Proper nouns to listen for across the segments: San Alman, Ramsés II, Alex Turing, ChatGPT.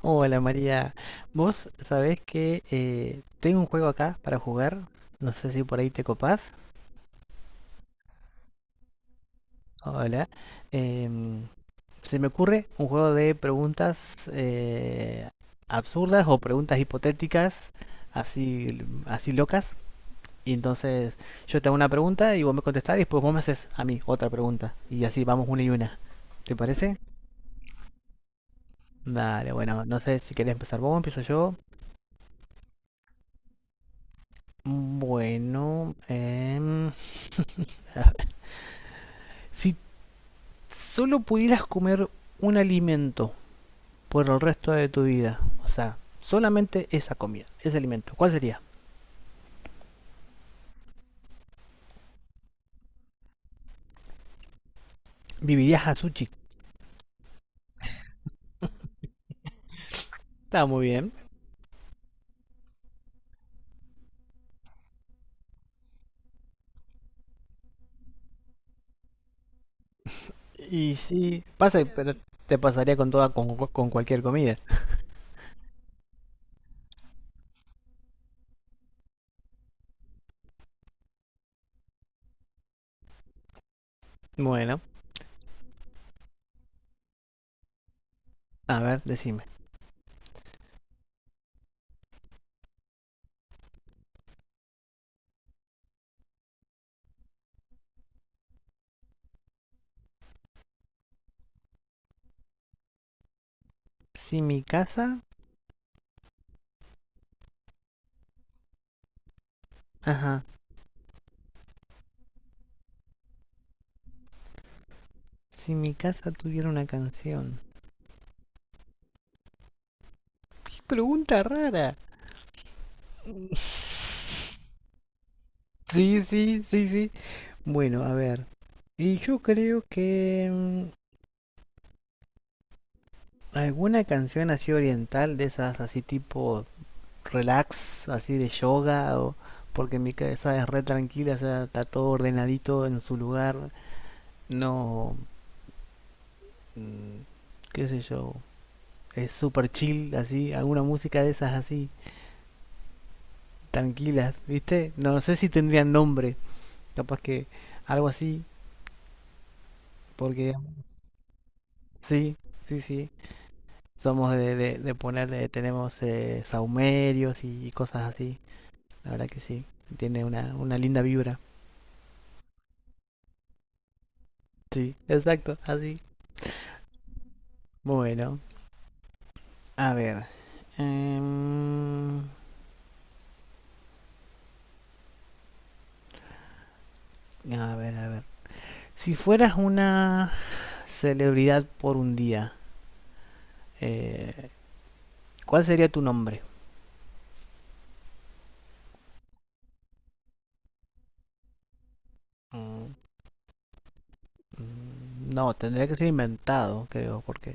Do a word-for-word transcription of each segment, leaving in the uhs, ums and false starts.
Hola María, vos sabés que eh, tengo un juego acá para jugar, no sé si por ahí te copás. Hola. Em, Se me ocurre un juego de preguntas eh, absurdas o preguntas hipotéticas, así, así locas. Y entonces yo te hago una pregunta y vos me contestás y después vos me haces a mí otra pregunta. Y así vamos una y una. ¿Te parece? Dale, bueno, no sé si querés empezar vos, empiezo yo. Bueno, em, si solo pudieras comer un alimento por el resto de tu vida, o sea, solamente esa comida, ese alimento, ¿cuál sería? Vivirías a sushi. Está muy bien. Y sí, pasa, pero te pasaría con toda, con, con cualquier comida. Bueno, a ver, decime. Si mi casa, ajá, si mi casa tuviera una canción. Qué pregunta rara. Sí, sí, sí, sí. Bueno, a ver. Y yo creo que mm, ¿alguna canción así oriental de esas así tipo relax, así de yoga? O, porque mi cabeza es re tranquila, o sea, está todo ordenadito en su lugar. No, mm, qué sé yo, es super chill, así, alguna música de esas así, tranquilas, ¿viste? No sé si tendrían nombre, capaz que algo así, porque sí, sí, sí. Somos de, de, de ponerle, tenemos eh, saumerios y, y cosas así, la verdad que sí, tiene una, una linda vibra. Sí, exacto, así. Bueno, a ver. em, a ver, a ver. Si fueras una celebridad por un día, eh, ¿cuál sería tu nombre? Mm, mm, No, tendría que ser inventado, creo, porque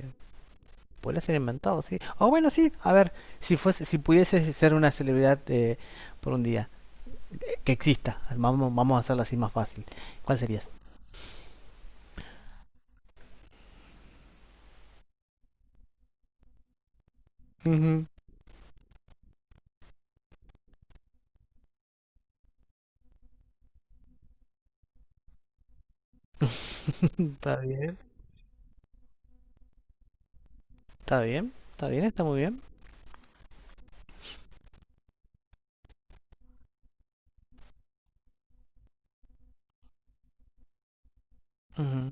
puede ser inventado, sí. O bueno, sí, a ver, si fuese, si pudiese ser una celebridad eh, por un día, eh, que exista, vamos, vamos a hacerlo así más fácil. ¿Cuál serías? Ujú. Está bien. Está bien, está bien, está muy bien. Ujú.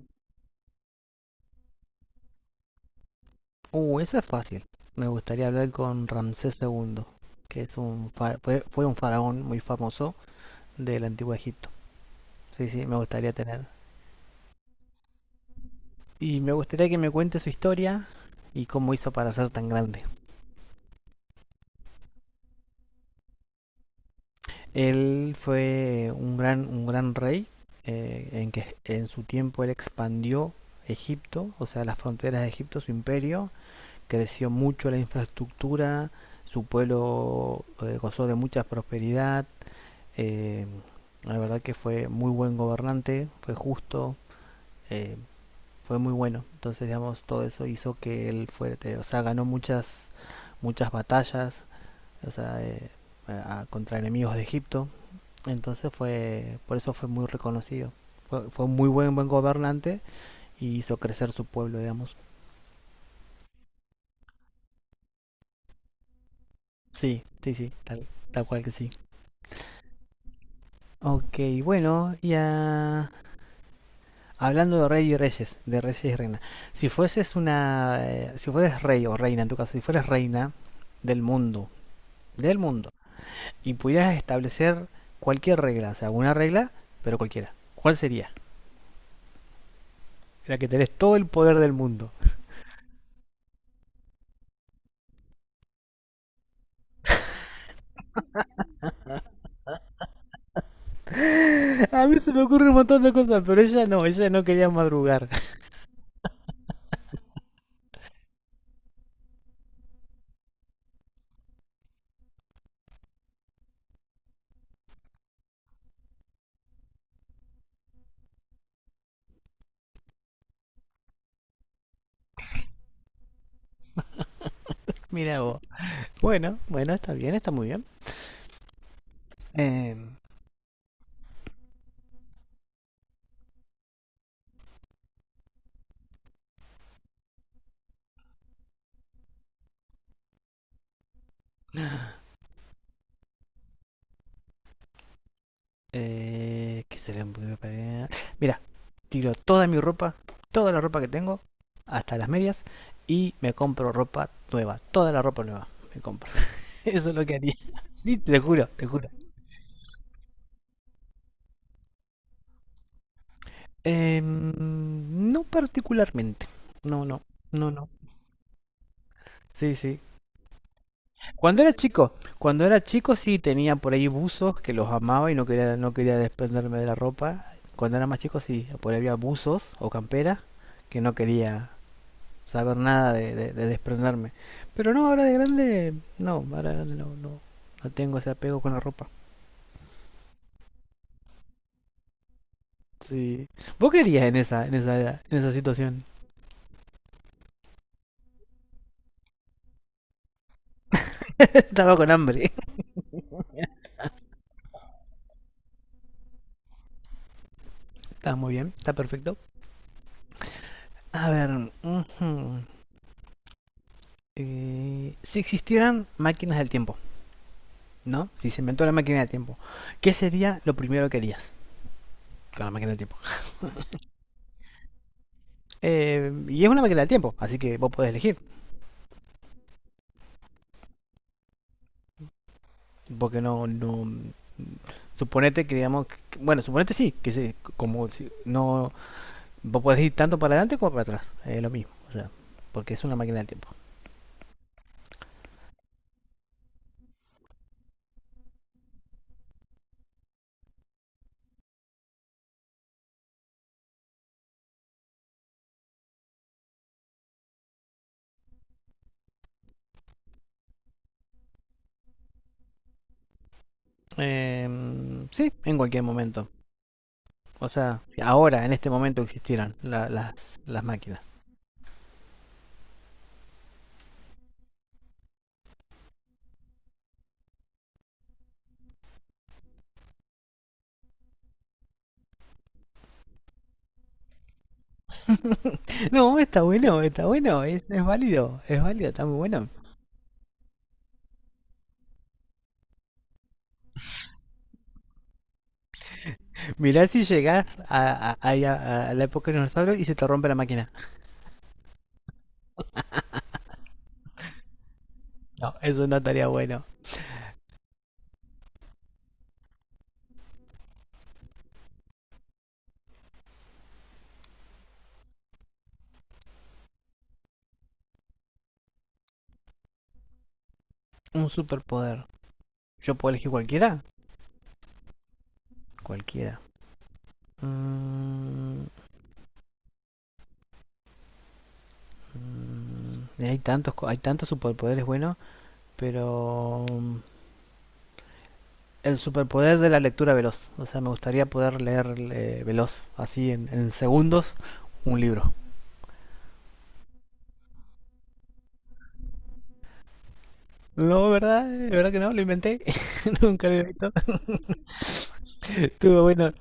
Uh, esa es fácil. Me gustaría hablar con Ramsés segundo, que es un fa- fue, fue un faraón muy famoso del antiguo Egipto. Sí, sí, me gustaría tener. Y me gustaría que me cuente su historia y cómo hizo para ser tan grande. Él fue un gran, un gran rey eh, en que en su tiempo él expandió Egipto, o sea, las fronteras de Egipto, su imperio, creció mucho la infraestructura, su pueblo eh, gozó de mucha prosperidad. Eh, la verdad que fue muy buen gobernante, fue justo, eh, fue muy bueno. Entonces, digamos, todo eso hizo que él fuerte, o sea, ganó muchas, muchas batallas, o sea, eh, a- contra enemigos de Egipto. Entonces fue, por eso fue muy reconocido. Fue, fue un muy buen, buen gobernante y hizo crecer su pueblo, digamos. Sí, sí, sí, tal, tal cual que sí. Ok, bueno, ya hablando de rey y reyes, de reyes y reina. Si fueses una, eh, si fueres rey o reina, en tu caso, si fueres reina del mundo, del mundo, y pudieras establecer cualquier regla, o sea, una regla, pero cualquiera, ¿cuál sería? La que tenés todo el poder del mundo. A mí se me ocurre un montón de cosas, pero ella no, ella no quería madrugar. Mira vos. Bueno, bueno, está bien, está muy bien. Eh, eh, ¿Qué sería? Mira, tiro toda mi ropa, toda la ropa que tengo, hasta las medias, y me compro ropa nueva, toda la ropa nueva me compro. Eso es lo que haría. Sí, te juro, te juro. Eh, no particularmente. No, no, no, no. Sí, sí. Cuando era chico, cuando era chico sí tenía por ahí buzos que los amaba y no quería, no quería desprenderme de la ropa. Cuando era más chico sí, por ahí había buzos o camperas que no quería saber nada de, de, de desprenderme. Pero no, ahora de grande, no, ahora de grande no, no, no tengo ese apego con la ropa. Sí. ¿Vos qué harías en esa, en esa en esa situación? Estaba con hambre. Está muy bien, está perfecto. A ver, ujú, eh, si existieran máquinas del tiempo, ¿no? Si se inventó la máquina del tiempo, ¿qué sería lo primero que harías con la máquina del tiempo? Eh, y es una máquina del tiempo, así que vos podés elegir, porque no, no, suponete que digamos, que- bueno, suponete sí, que se, como si no vos podés ir tanto para adelante como para atrás, es eh, lo mismo, o sea, porque es una máquina del tiempo. Em, sí, en cualquier momento. O sea, si ahora, en este momento existieran la- las, las máquinas. No, está bueno, está bueno, es, es válido, es válido, está muy bueno. Mirá si llegás a, a- a- a la época de los dinosaurios y se te rompe la máquina. No, eso no estaría bueno. Un superpoder. ¿Yo puedo elegir cualquiera? Cualquiera. Mm, Mm, hay tantos, hay tantos superpoderes buenos, pero mm, el superpoder de la lectura veloz. O sea, me gustaría poder leer eh, veloz, así en, en segundos, un libro. No, ¿verdad? ¿De verdad que no? Lo inventé. Nunca lo he visto. Estuvo bueno.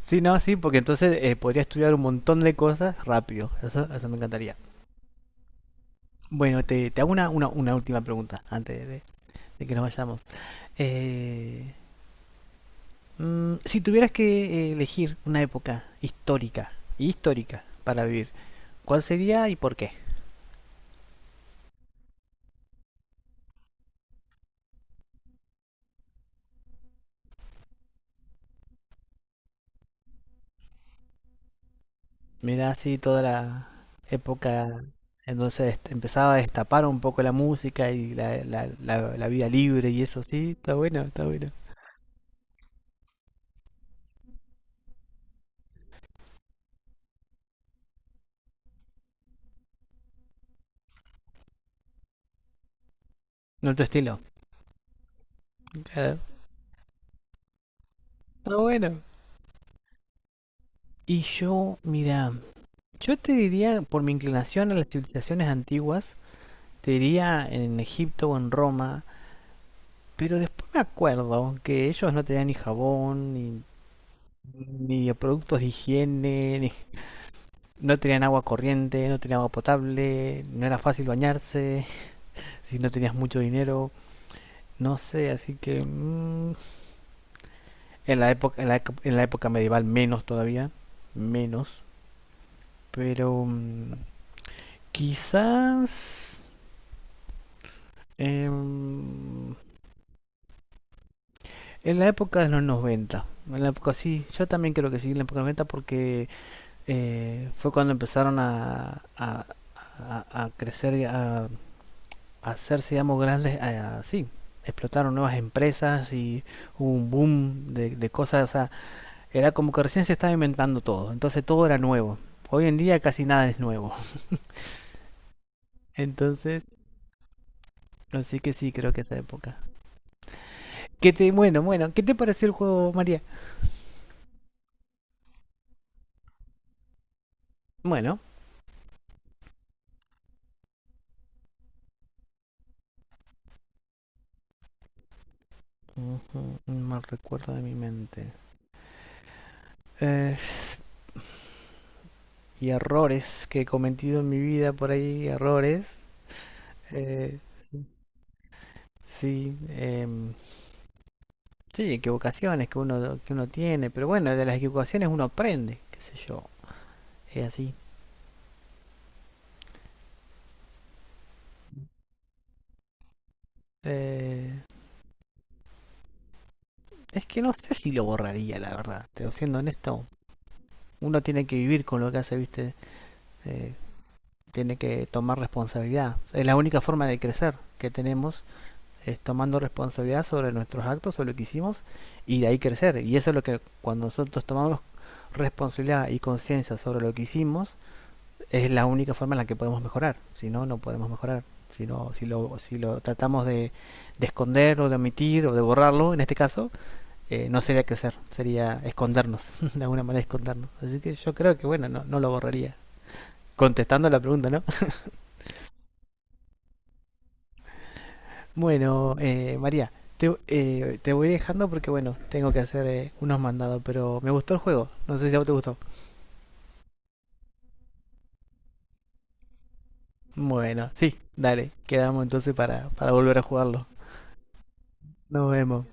Sí, no, sí, porque entonces eh, podría estudiar un montón de cosas rápido. Eso, eso me encantaría. Bueno, te, te hago una, una, una última pregunta antes de, de que nos vayamos. Eh, Mm, si tuvieras que eh, elegir una época histórica y histórica para vivir, ¿cuál sería y por qué? Mira, así toda la época en donde se dest- empezaba a destapar un poco la música y la, la- la- la vida libre y eso, sí, está bueno, está bueno. No tu estilo, claro. Está bueno. Y yo, mira, yo te diría, por mi inclinación a las civilizaciones antiguas, te diría en Egipto o en Roma, pero después me acuerdo que ellos no tenían ni jabón, ni ni de productos de higiene, ni- no tenían agua corriente, no tenían agua potable, no era fácil bañarse, si no tenías mucho dinero, no sé, así que mm, en la época en la, eco- en la época medieval menos todavía, menos, pero mm, quizás em, en la época de los noventa, en la época sí, yo también creo que sí, en la época de los noventa porque eh, fue cuando empezaron a, a- a- a crecer, a hacerse, digamos, grandes, eh, así, explotaron nuevas empresas y hubo un boom de, de cosas, o sea, era como que recién se estaba inventando todo, entonces todo era nuevo. Hoy en día casi nada es nuevo. Entonces, así que sí, creo que esa época. ¿Qué te, bueno, bueno, ¿qué te pareció el juego, María? Bueno, ujú, un mal recuerdo de mi mente. Eh, y errores que he cometido en mi vida por ahí, errores. eh, sí, em, Sí, equivocaciones que uno, que uno tiene, pero bueno, de las equivocaciones uno aprende, qué sé yo, es así. Eh, es que no sé si lo borraría, la verdad, pero siendo honesto, uno tiene que vivir con lo que hace, viste, Eh, tiene que tomar responsabilidad. Es la única forma de crecer que tenemos, es tomando responsabilidad sobre nuestros actos, sobre lo que hicimos, y de ahí crecer. Y eso es lo que cuando nosotros tomamos responsabilidad y conciencia sobre lo que hicimos, es la única forma en la que podemos mejorar. Si no, no podemos mejorar. Si, no, si, lo, si lo tratamos de, de esconder o de omitir o de borrarlo, en este caso, eh, no sería crecer, sería escondernos, de alguna manera escondernos. Así que yo creo que, bueno, no, no lo borraría. Contestando la pregunta, ¿no? Bueno, eh, María, te, eh, te voy dejando porque, bueno, tengo que hacer eh, unos mandados, pero me gustó el juego. No sé si a vos te gustó. Bueno, sí, dale, quedamos entonces para, para volver a jugarlo. Nos vemos.